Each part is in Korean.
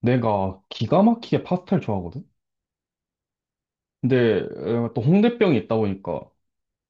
내가 기가 막히게 파스타를 좋아하거든? 근데 또 홍대병이 있다 보니까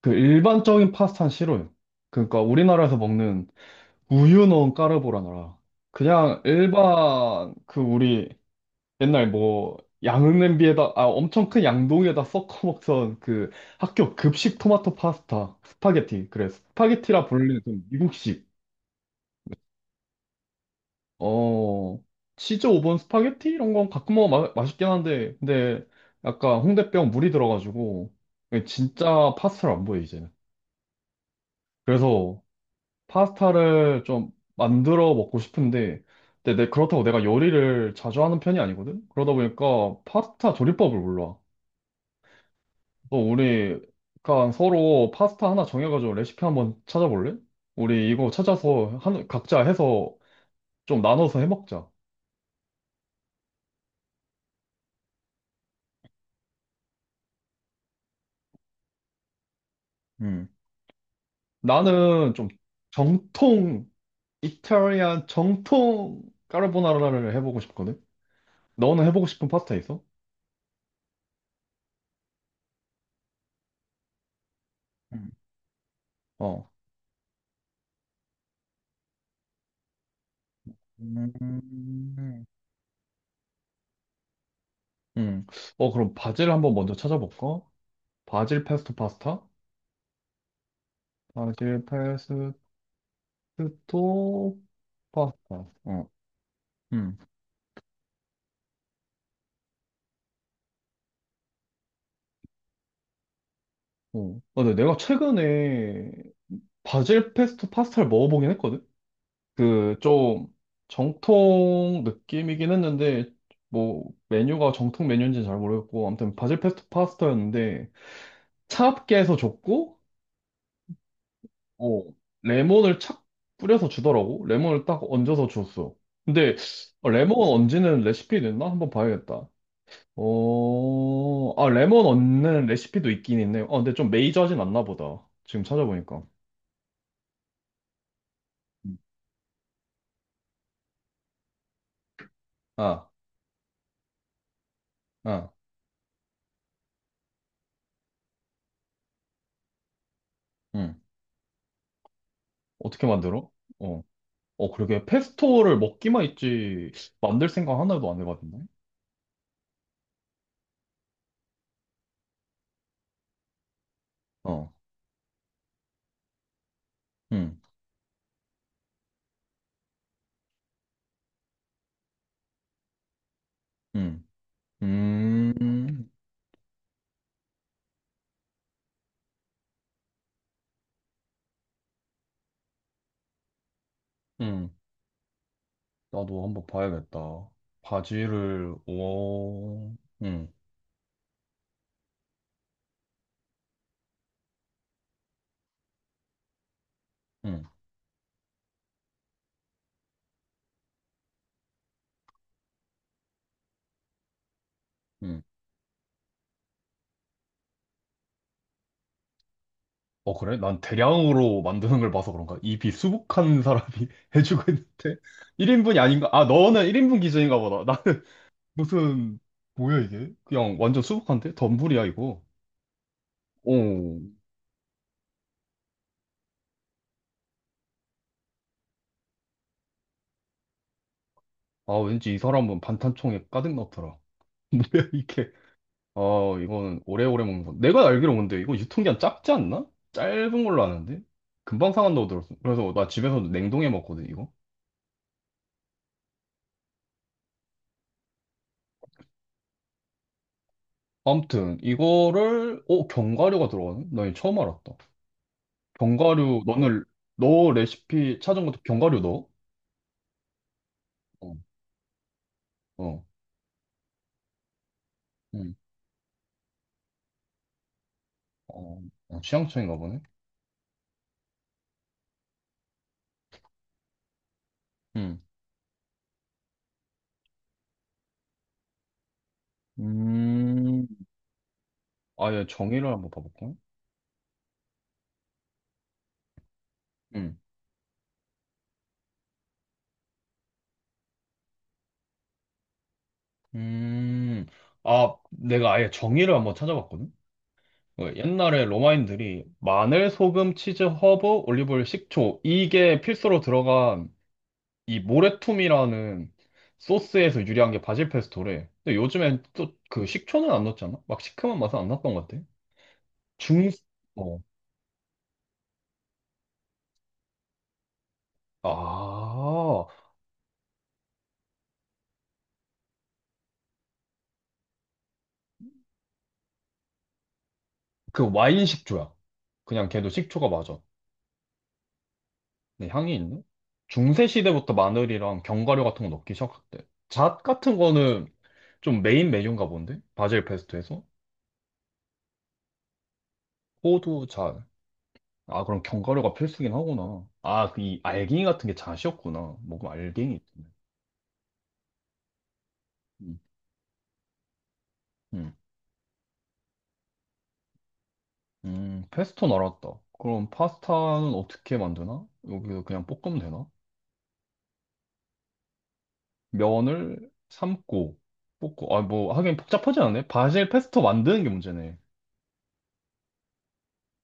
그 일반적인 파스타는 싫어요. 그러니까 우리나라에서 먹는 우유 넣은 까르보라나 라 그냥 일반 그 우리 옛날 뭐 양은냄비에다 아 엄청 큰 양동이에다 섞어 먹던 그 학교 급식 토마토 파스타 스파게티 그래 스파게티라 불리는 좀 미국식. 어, 치즈 오븐 스파게티 이런 건 가끔 먹으면 맛있긴 한데, 근데 약간 홍대병 물이 들어가지고, 이게 진짜 파스타를 안 보여, 이제는. 그래서 파스타를 좀 만들어 먹고 싶은데, 근데 그렇다고 내가 요리를 자주 하는 편이 아니거든? 그러다 보니까 파스타 조리법을 몰라. 우리 약간 서로 파스타 하나 정해가지고 레시피 한번 찾아볼래? 우리 이거 찾아서 각자 해서 좀 나눠서 해먹자. 나는 좀 정통, 이탈리안 정통 까르보나라를 해보고 싶거든? 너는 해보고 싶은 파스타 있어? 음. 어, 음. 음. 그럼 바질 한번 먼저 찾아볼까? 바질 페스토 파스타? 바질 페스토 파스타. 어, 음. 어. 근데 내가 최근에 바질 페스토 파스타를 먹어보긴 했거든? 그 좀 정통 느낌이긴 했는데 뭐 메뉴가 정통 메뉴인지는 잘 모르겠고 아무튼 바질 페스토 파스타였는데 차갑게 해서 줬고 어 레몬을 착 뿌려서 주더라고. 레몬을 딱 얹어서 줬어. 근데 레몬 얹는 레시피 있나? 한번 봐야겠다. 아, 레몬 얹는 레시피도 있긴 있네요. 근데 좀 메이저하진 않나 보다, 지금 찾아보니까. 음. 아, 아, 응. 어떻게 만들어? 어. 어, 그러게. 페스토를 먹기만 있지, 만들 생각 하나도 안 해봤는. 어, 응, 응, 음, 응. 나도 한번 봐야겠다. 바지를, 오, 응, 응, 응. 어, 그래? 난 대량으로 만드는 걸 봐서 그런가? 이 비수북한 사람이 해주고 있는데? 1인분이 아닌가? 아, 너는 1인분 기준인가 보다. 나는 무슨, 뭐야, 이게? 그냥 완전 수북한데? 덤불이야, 이거. 오, 아, 왠지 이 사람은 반탄총에 가득 넣더라. 뭐야 이게? 아, 이거는 오래오래 먹는 거. 내가 알기로 근데 이거 유통기한 짧지 않나? 짧은 걸로 아는데? 금방 상한다고 들었어. 그래서 나 집에서도 냉동해 먹거든, 이거. 아무튼 이거를 견과류가 들어가네? 나 이거 처음 알았다. 견과류 너는, 너 레시피 찾은 것도 견과류 넣어? 어, 어, 음, 어, 어, 취향 차이인가 보네. 음, 음, 아예 정의를 한번 봐볼까? 음, 음, 아, 내가 아예 정의를 한번 찾아봤거든. 그 옛날에 로마인들이 마늘, 소금, 치즈, 허브, 올리브오일, 식초 이게 필수로 들어간 이 모래툼이라는 소스에서 유리한 게 바질 페스토래. 근데 요즘엔 또 그 식초는 안 넣었잖아? 막 시큼한 맛은 안 났던 것 같아. 중, 어. 아, 그 와인 식초야. 그냥 걔도 식초가 맞아. 근데 향이 있네? 중세 시대부터 마늘이랑 견과류 같은 거 넣기 시작했대. 잣 같은 거는 좀 메인 메뉴인가 본데? 바질 페스토에서? 호두 잣. 아, 그럼 견과류가 필수긴 하구나. 아, 그 이 알갱이 같은 게 잣이었구나. 뭐면 알갱이 있네. 음, 음, 페스토는 알았다. 그럼 파스타는 어떻게 만드나? 여기서 그냥 볶으면 되나? 면을 삶고 볶고. 아, 뭐 하긴 복잡하지 않네. 바질 페스토 만드는 게 문제네.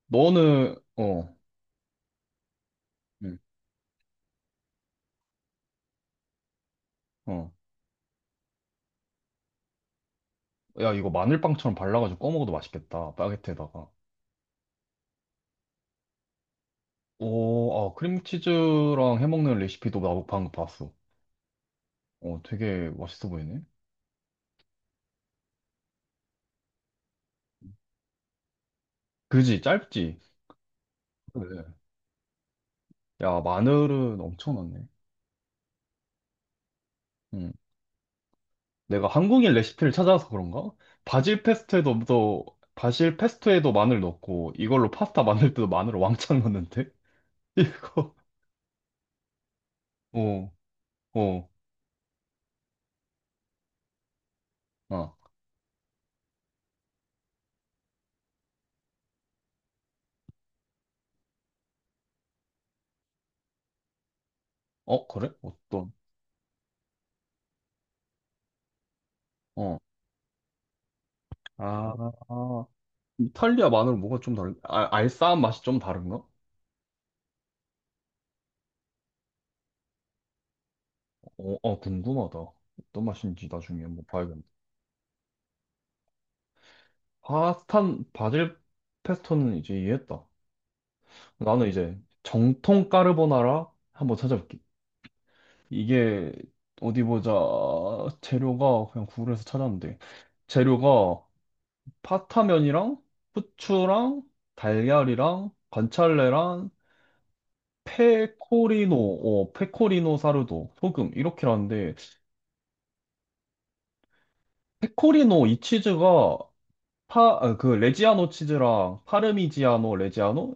너는 음, 어, 야 이거 마늘빵처럼 발라가지고 꺼먹어도 맛있겠다. 바게트에다가. 오, 아, 크림치즈랑 해먹는 레시피도 나도 방금 봤어. 어, 되게 맛있어 보이네. 그지, 짧지. 그래. 야, 마늘은 엄청 넣네. 음. 내가 한국인 레시피를 찾아서 그런가? 바질 페스토에도, 또, 바질 페스토에도 마늘 넣고, 이걸로 파스타 만들 때도 마늘을 왕창 넣는데? 이거, 어, 어, 어. 어, 그래? 어떤, 어. 아, 아. 이탈리아 마늘은 뭐가 좀 다른, 아, 알싸한 맛이 좀 다른가? 어, 어, 궁금하다. 어떤 맛인지 나중에 한번 봐야겠네. 파스타, 바질 페스토는 이제 이해했다. 나는 이제 정통 까르보나라 한번 찾아볼게. 이게, 어디 보자. 재료가 그냥 구글에서 찾았는데, 재료가 파타면이랑 후추랑 달걀이랑 관찰레랑 페코리노, 페코리노 사르도, 소금 이렇게라는데. 페코리노 이 치즈가 아, 그 레지아노 치즈랑 파르미지아노, 레지아노,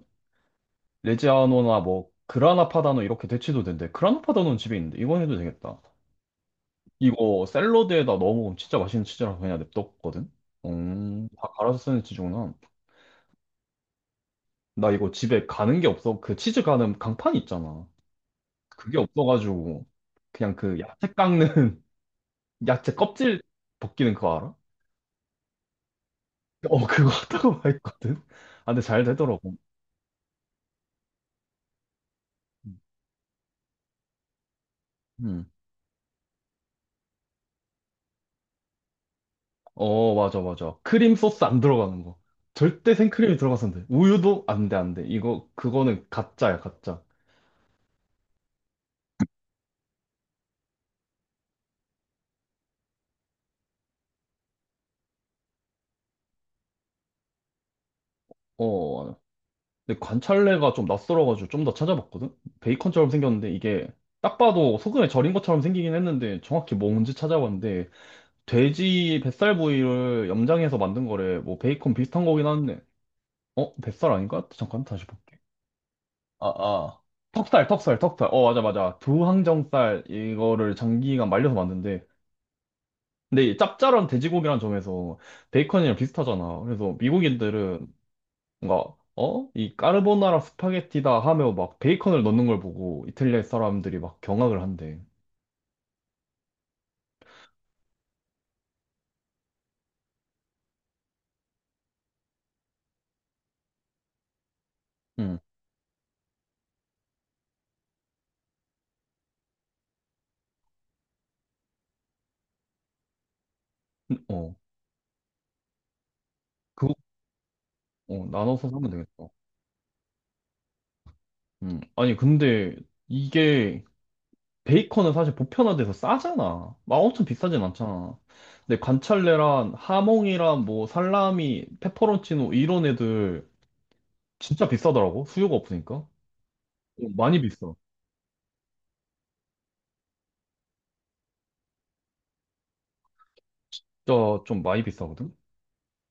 레지아노나 뭐 그라나 파다노 이렇게 대치도 된대. 그라나 파다노는 집에 있는데 이건 해도 되겠다. 이거 샐러드에다 넣어 먹으면 진짜 맛있는 치즈라서 그냥 냅뒀거든? 다 갈아서 쓰는 치즈구나. 나 이거 집에 가는 게 없어. 그 치즈 가는 강판 있잖아. 그게 없어가지고, 그냥 그 야채 깎는, 야채 껍질 벗기는 그거 알아? 어, 그거 하다가 했거든? 아, 근데 잘 되더라고. 음. 음. 어, 맞아, 맞아. 크림 소스 안 들어가는 거. 절대 생크림이 들어가서는 안 돼. 우유도 안 돼, 안 돼. 이거, 그거는 가짜야, 가짜. 어, 근데 관찰래가 좀 낯설어가지고 좀 더 찾아봤거든? 베이컨처럼 생겼는데 이게 딱 봐도 소금에 절인 것처럼 생기긴 했는데 정확히 뭔지 찾아봤는데 돼지 뱃살 부위를 염장해서 만든 거래. 뭐 베이컨 비슷한 거긴 한데. 어? 뱃살 아닌가? 잠깐 다시 볼게. 아, 아. 턱살, 턱살, 턱살. 어, 맞아, 맞아. 두항정살 이거를 장기간 말려서 만든데. 근데 이 짭짤한 돼지고기란 점에서 베이컨이랑 비슷하잖아. 그래서 미국인들은 뭔가 어? 이 까르보나라 스파게티다 하며 막 베이컨을 넣는 걸 보고 이탈리아 사람들이 막 경악을 한대. 응. 어. 그거 나눠서 사면 되겠다. 음. 아니 근데 이게 베이컨은 사실 보편화돼서 싸잖아. 막 엄청 비싸진 않잖아. 근데 관찰레랑 하몽이랑 뭐 살라미, 페퍼론치노 이런 애들 진짜 비싸더라고. 수요가 없으니까. 어, 많이 비싸. 진짜 좀 많이 비싸거든.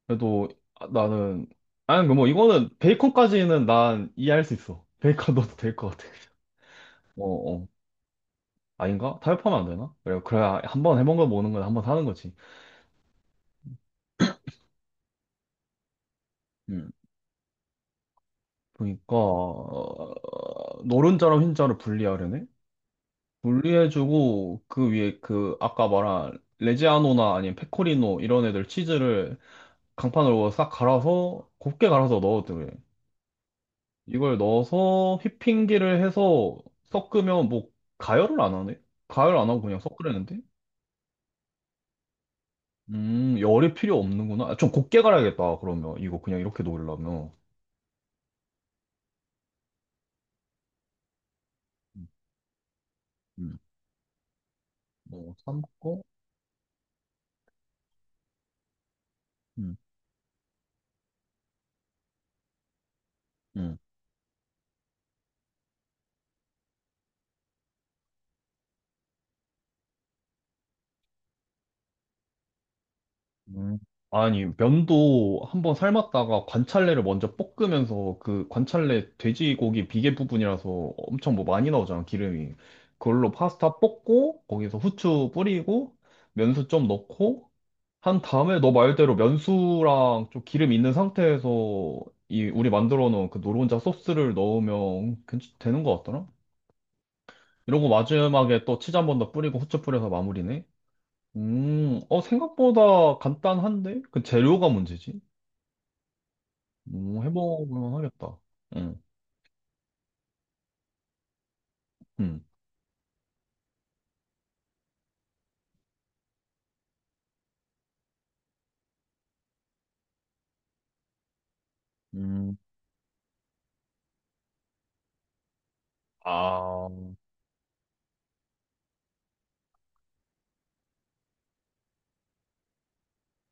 그래도 아, 나는, 아니 뭐 이거는 베이컨까지는 난 이해할 수 있어. 베이컨 넣어도 될 것 같아. 어, 어. 아닌가? 타협하면 안 되나? 그래, 그래야 한 번 해본 거 먹는 건 한 번 사는 거지. 음. 그러니까 노른자랑 흰자를 분리하려네? 분리해주고 그 위에 그 아까 말한 레지아노나 아니면 페코리노 이런 애들 치즈를 강판으로 싹 갈아서 곱게 갈아서 넣어도 돼. 이걸 넣어서 휘핑기를 해서 섞으면 뭐 가열을 안 하네? 가열 안 하고 그냥 섞으려는데? 열이 필요 없는구나. 아, 좀 곱게 갈아야겠다, 그러면. 이거 그냥 이렇게 놓으려면. 음, 음. 뭐, 삶고, 음, 음, 음. 아니, 면도 한번 삶았다가 관찰래를 먼저 볶으면서 그 관찰래 돼지고기 비계 부분이라서 엄청 뭐 많이 나오잖아, 기름이. 그걸로 파스타 볶고, 거기서 후추 뿌리고, 면수 좀 넣고, 한 다음에 너 말대로 면수랑 좀 기름 있는 상태에서 이 우리 만들어 놓은 그 노른자 소스를 넣으면 괜찮 되는 것 같더라. 이러고 마지막에 또 치즈 한 번 더 뿌리고 후추 뿌려서 마무리네. 생각보다 간단한데? 그 재료가 문제지. 해먹으면 하겠다. 응, 응, 음, 아,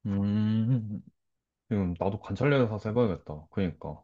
음, 지금 나도 관찰래서 사서 해봐야겠다. 그러니까.